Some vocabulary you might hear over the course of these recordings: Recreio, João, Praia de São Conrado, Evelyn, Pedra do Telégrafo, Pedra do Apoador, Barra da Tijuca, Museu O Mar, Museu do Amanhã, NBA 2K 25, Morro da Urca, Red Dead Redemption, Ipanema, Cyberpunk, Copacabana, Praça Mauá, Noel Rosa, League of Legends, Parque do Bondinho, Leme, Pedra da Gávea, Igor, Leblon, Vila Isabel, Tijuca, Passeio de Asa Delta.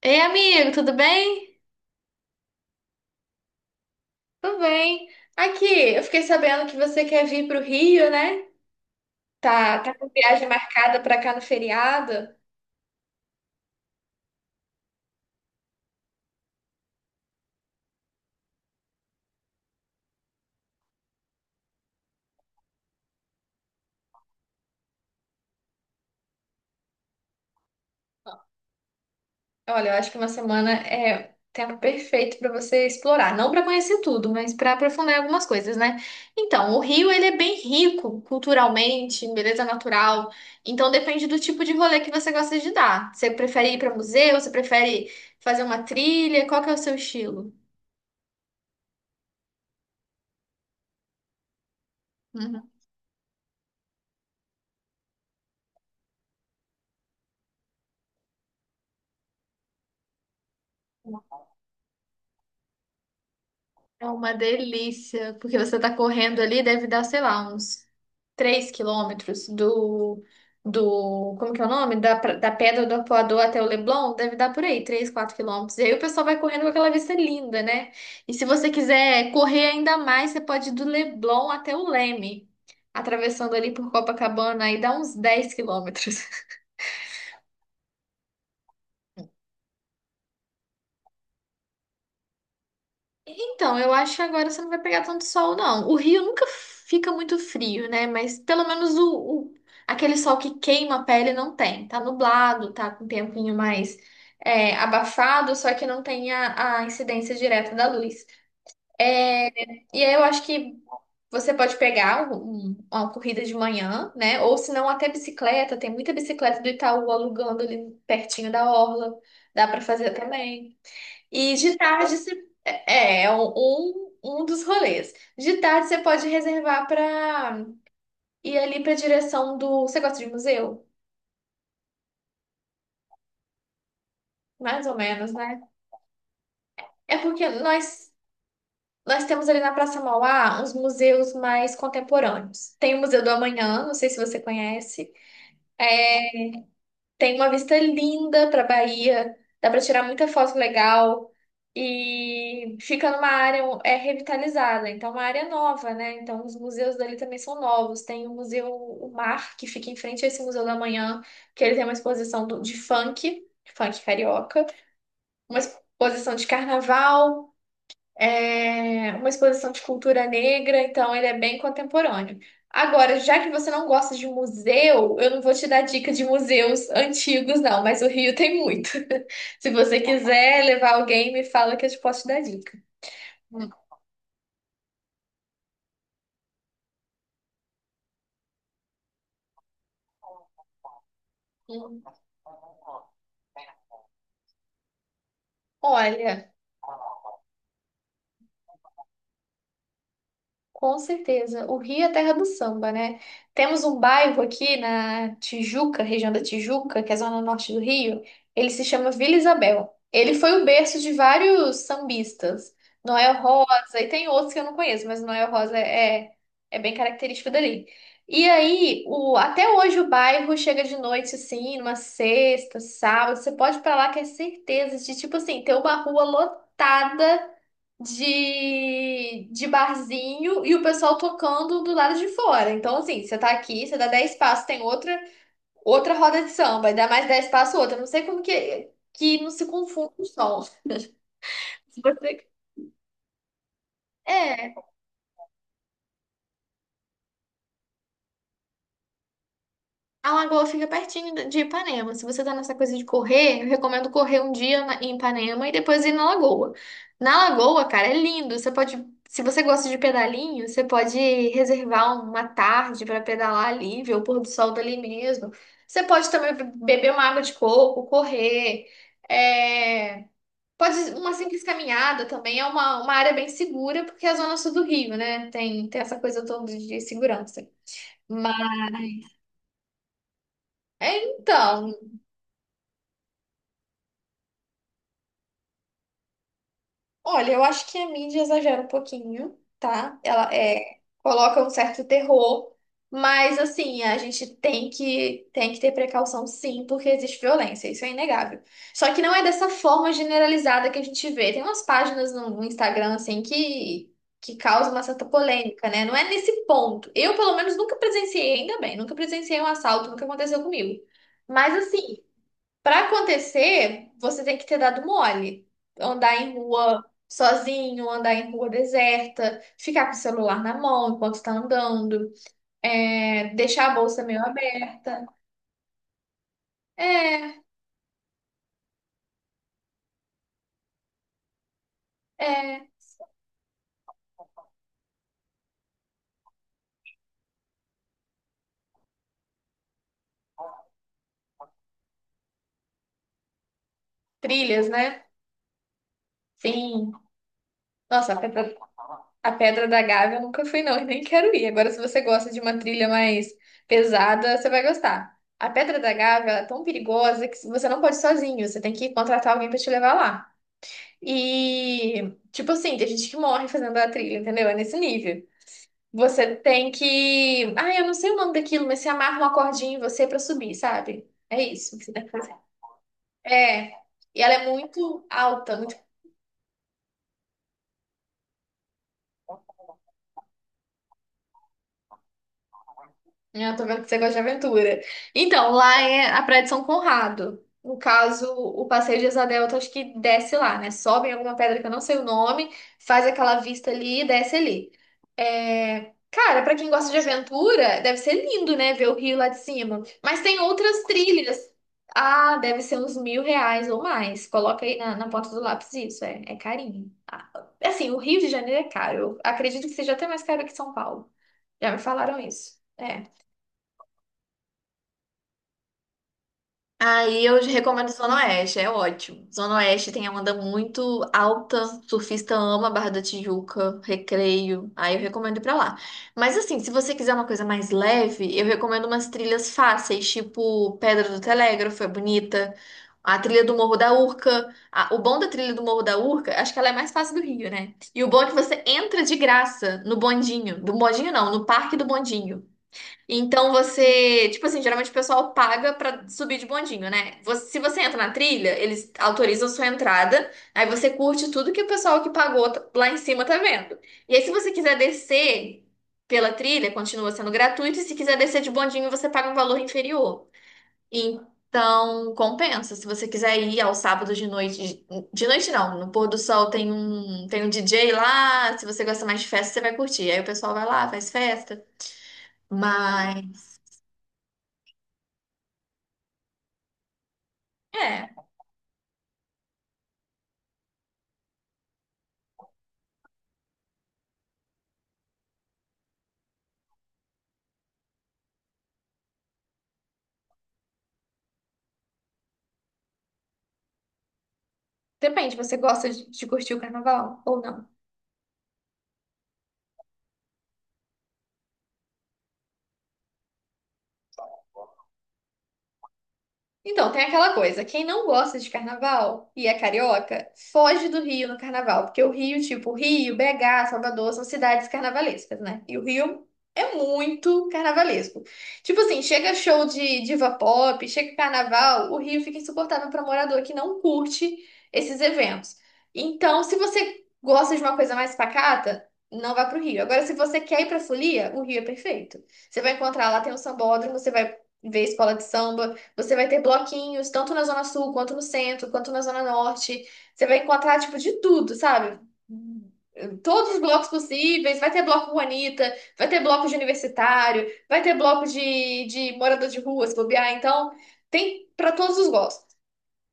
Ei, amigo, tudo bem? Tudo bem. Aqui, eu fiquei sabendo que você quer vir para o Rio, né? Tá com viagem marcada para cá no feriado. Olha, eu acho que uma semana é tempo perfeito para você explorar, não para conhecer tudo, mas para aprofundar algumas coisas, né? Então, o Rio ele é bem rico culturalmente, em beleza natural. Então, depende do tipo de rolê que você gosta de dar. Você prefere ir para museu? Você prefere fazer uma trilha? Qual que é o seu estilo? Uhum. É uma delícia, porque você tá correndo ali, deve dar, sei lá, uns 3 km como que é o nome? Da Pedra do Apoador até o Leblon, deve dar por aí, 3, 4 km. E aí o pessoal vai correndo com aquela vista linda, né? E se você quiser correr ainda mais, você pode ir do Leblon até o Leme, atravessando ali por Copacabana, aí dá uns 10 km. Então, eu acho que agora você não vai pegar tanto sol, não. O Rio nunca fica muito frio, né? Mas pelo menos aquele sol que queima a pele não tem. Tá nublado, tá com um tempinho mais abafado, só que não tem a incidência direta da luz. É, e aí eu acho que você pode pegar uma corrida de manhã, né? Ou se não, até bicicleta. Tem muita bicicleta do Itaú alugando ali pertinho da orla. Dá pra fazer também. E de tarde é um dos rolês. De tarde você pode reservar para ir ali para a direção do. Você gosta de museu? Mais ou menos, né? É porque nós temos ali na Praça Mauá uns museus mais contemporâneos. Tem o Museu do Amanhã, não sei se você conhece. Tem uma vista linda para Bahia, dá para tirar muita foto legal e fica numa área revitalizada, então é uma área nova, né? Então os museus dali também são novos. Tem o Museu O Mar, que fica em frente a esse Museu da Manhã, que ele tem uma exposição de funk, funk carioca, uma exposição de carnaval uma exposição de cultura negra, então ele é bem contemporâneo. Agora, já que você não gosta de museu, eu não vou te dar dica de museus antigos, não, mas o Rio tem muito. Se você quiser levar alguém, me fala que eu te posso te dar dica. Hum. Olha. Com certeza. O Rio é a terra do samba, né? Temos um bairro aqui na Tijuca, região da Tijuca, que é a zona norte do Rio. Ele se chama Vila Isabel. Ele foi o berço de vários sambistas. Noel Rosa, e tem outros que eu não conheço, mas é bem característico dali. E aí, até hoje o bairro chega de noite, assim, numa sexta, sábado. Você pode ir pra lá que é certeza de, tipo assim, ter uma rua lotada de barzinho e o pessoal tocando do lado de fora. Então, assim, você tá aqui, você dá 10 passos, tem outra roda de samba, e dá mais 10 passos outra. Não sei como que não se confunde o som. Se Você... É. A lagoa fica pertinho de Ipanema. Se você tá nessa coisa de correr, eu recomendo correr um dia em Ipanema e depois ir na lagoa. Na lagoa, cara, é lindo. Você pode, se você gosta de pedalinho, você pode reservar uma tarde pra pedalar ali, ver o pôr do sol dali mesmo. Você pode também beber uma água de coco, correr. É, pode uma simples caminhada também. É uma área bem segura, porque é a zona sul do Rio, né? Tem, tem essa coisa toda de segurança. Mas, então. Olha, eu acho que a mídia exagera um pouquinho, tá? Ela coloca um certo terror, mas assim, a gente tem que ter precaução sim, porque existe violência, isso é inegável. Só que não é dessa forma generalizada que a gente vê. Tem umas páginas no Instagram assim que causam uma certa polêmica, né? Não é nesse ponto. Eu, pelo menos, nunca presenciei, ainda bem, nunca presenciei um assalto, nunca aconteceu comigo. Mas assim. Para acontecer, você tem que ter dado mole. Andar em rua sozinho, andar em rua deserta, ficar com o celular na mão enquanto está andando, é, deixar a bolsa meio aberta. É, é. Trilhas, né? Sim. Nossa, a Pedra da Gávea eu nunca fui, não, e nem quero ir. Agora, se você gosta de uma trilha mais pesada, você vai gostar. A Pedra da Gávea ela é tão perigosa que você não pode ir sozinho, você tem que contratar alguém para te levar lá. E, tipo assim, tem gente que morre fazendo a trilha, entendeu? É nesse nível. Você tem que. Ah, eu não sei o nome daquilo, mas você amarra uma cordinha em você pra subir, sabe? É isso que você tem que fazer. É. E ela é muito alta. Eu tô vendo que você gosta de aventura. Então, lá é a Praia de São Conrado. No caso, o Passeio de Asa Delta, acho que desce lá, né? Sobe em alguma pedra que eu não sei o nome, faz aquela vista ali e desce ali. É, cara, pra quem gosta de aventura, deve ser lindo, né? Ver o rio lá de cima. Mas tem outras trilhas. Ah, deve ser uns R$ 1.000 ou mais. Coloca aí na ponta do lápis isso, é carinho. Ah, assim, o Rio de Janeiro é caro. Eu acredito que seja até mais caro que São Paulo. Já me falaram isso. É. Aí eu recomendo Zona Oeste, é ótimo. Zona Oeste tem a onda muito alta, surfista ama Barra da Tijuca, Recreio, aí eu recomendo ir pra lá. Mas assim, se você quiser uma coisa mais leve, eu recomendo umas trilhas fáceis, tipo Pedra do Telégrafo, é bonita, a trilha do Morro da Urca. O bom da trilha do Morro da Urca, acho que ela é mais fácil do Rio, né? E o bom é que você entra de graça no bondinho, do bondinho não, no Parque do Bondinho. Então você, tipo assim, geralmente o pessoal paga pra subir de bondinho, né? Se você entra na trilha, eles autorizam sua entrada, aí você curte tudo que o pessoal que pagou lá em cima tá vendo. E aí, se você quiser descer pela trilha, continua sendo gratuito, e se quiser descer de bondinho, você paga um valor inferior. Então, compensa. Se você quiser ir ao sábado de noite não, no pôr do sol tem um DJ lá, se você gosta mais de festa, você vai curtir. Aí o pessoal vai lá, faz festa. Mas. É, depende, você gosta de curtir o carnaval ou não? Então, tem aquela coisa, quem não gosta de carnaval e é carioca, foge do Rio no carnaval, porque o Rio, tipo, Rio, BH, Salvador, são cidades carnavalescas, né? E o Rio é muito carnavalesco. Tipo assim, chega show de diva pop, chega carnaval, o Rio fica insuportável para morador que não curte esses eventos. Então, se você gosta de uma coisa mais pacata, não vá pro Rio. Agora, se você quer ir pra folia, o Rio é perfeito. Você vai encontrar lá, tem um sambódromo, você vai ver escola de samba, você vai ter bloquinhos, tanto na Zona Sul, quanto no centro, quanto na Zona Norte. Você vai encontrar, tipo, de tudo, sabe? Todos os blocos possíveis. Vai ter bloco Juanita, vai ter bloco de universitário, vai ter bloco de morador de rua, se bobear. Então, tem para todos os gostos.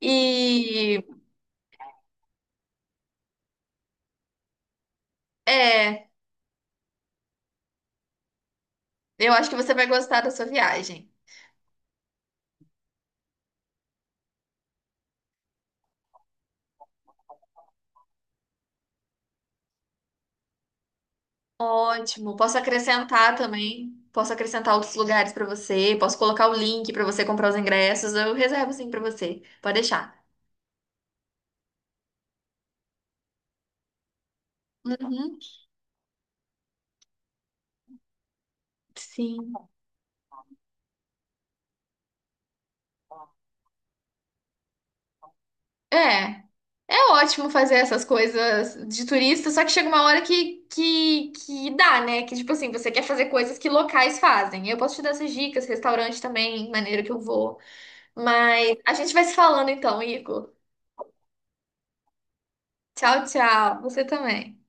E é, eu acho que você vai gostar da sua viagem. Ótimo. Posso acrescentar também. Posso acrescentar outros lugares para você. Posso colocar o link para você comprar os ingressos. Eu reservo sim para você. Pode deixar. Uhum, sim. É, é ótimo fazer essas coisas de turista, só que chega uma hora que dá, né? Que, tipo assim, você quer fazer coisas que locais fazem. Eu posso te dar essas dicas, restaurante também, maneira que eu vou. Mas a gente vai se falando então, Igor. Tchau, tchau. Você também.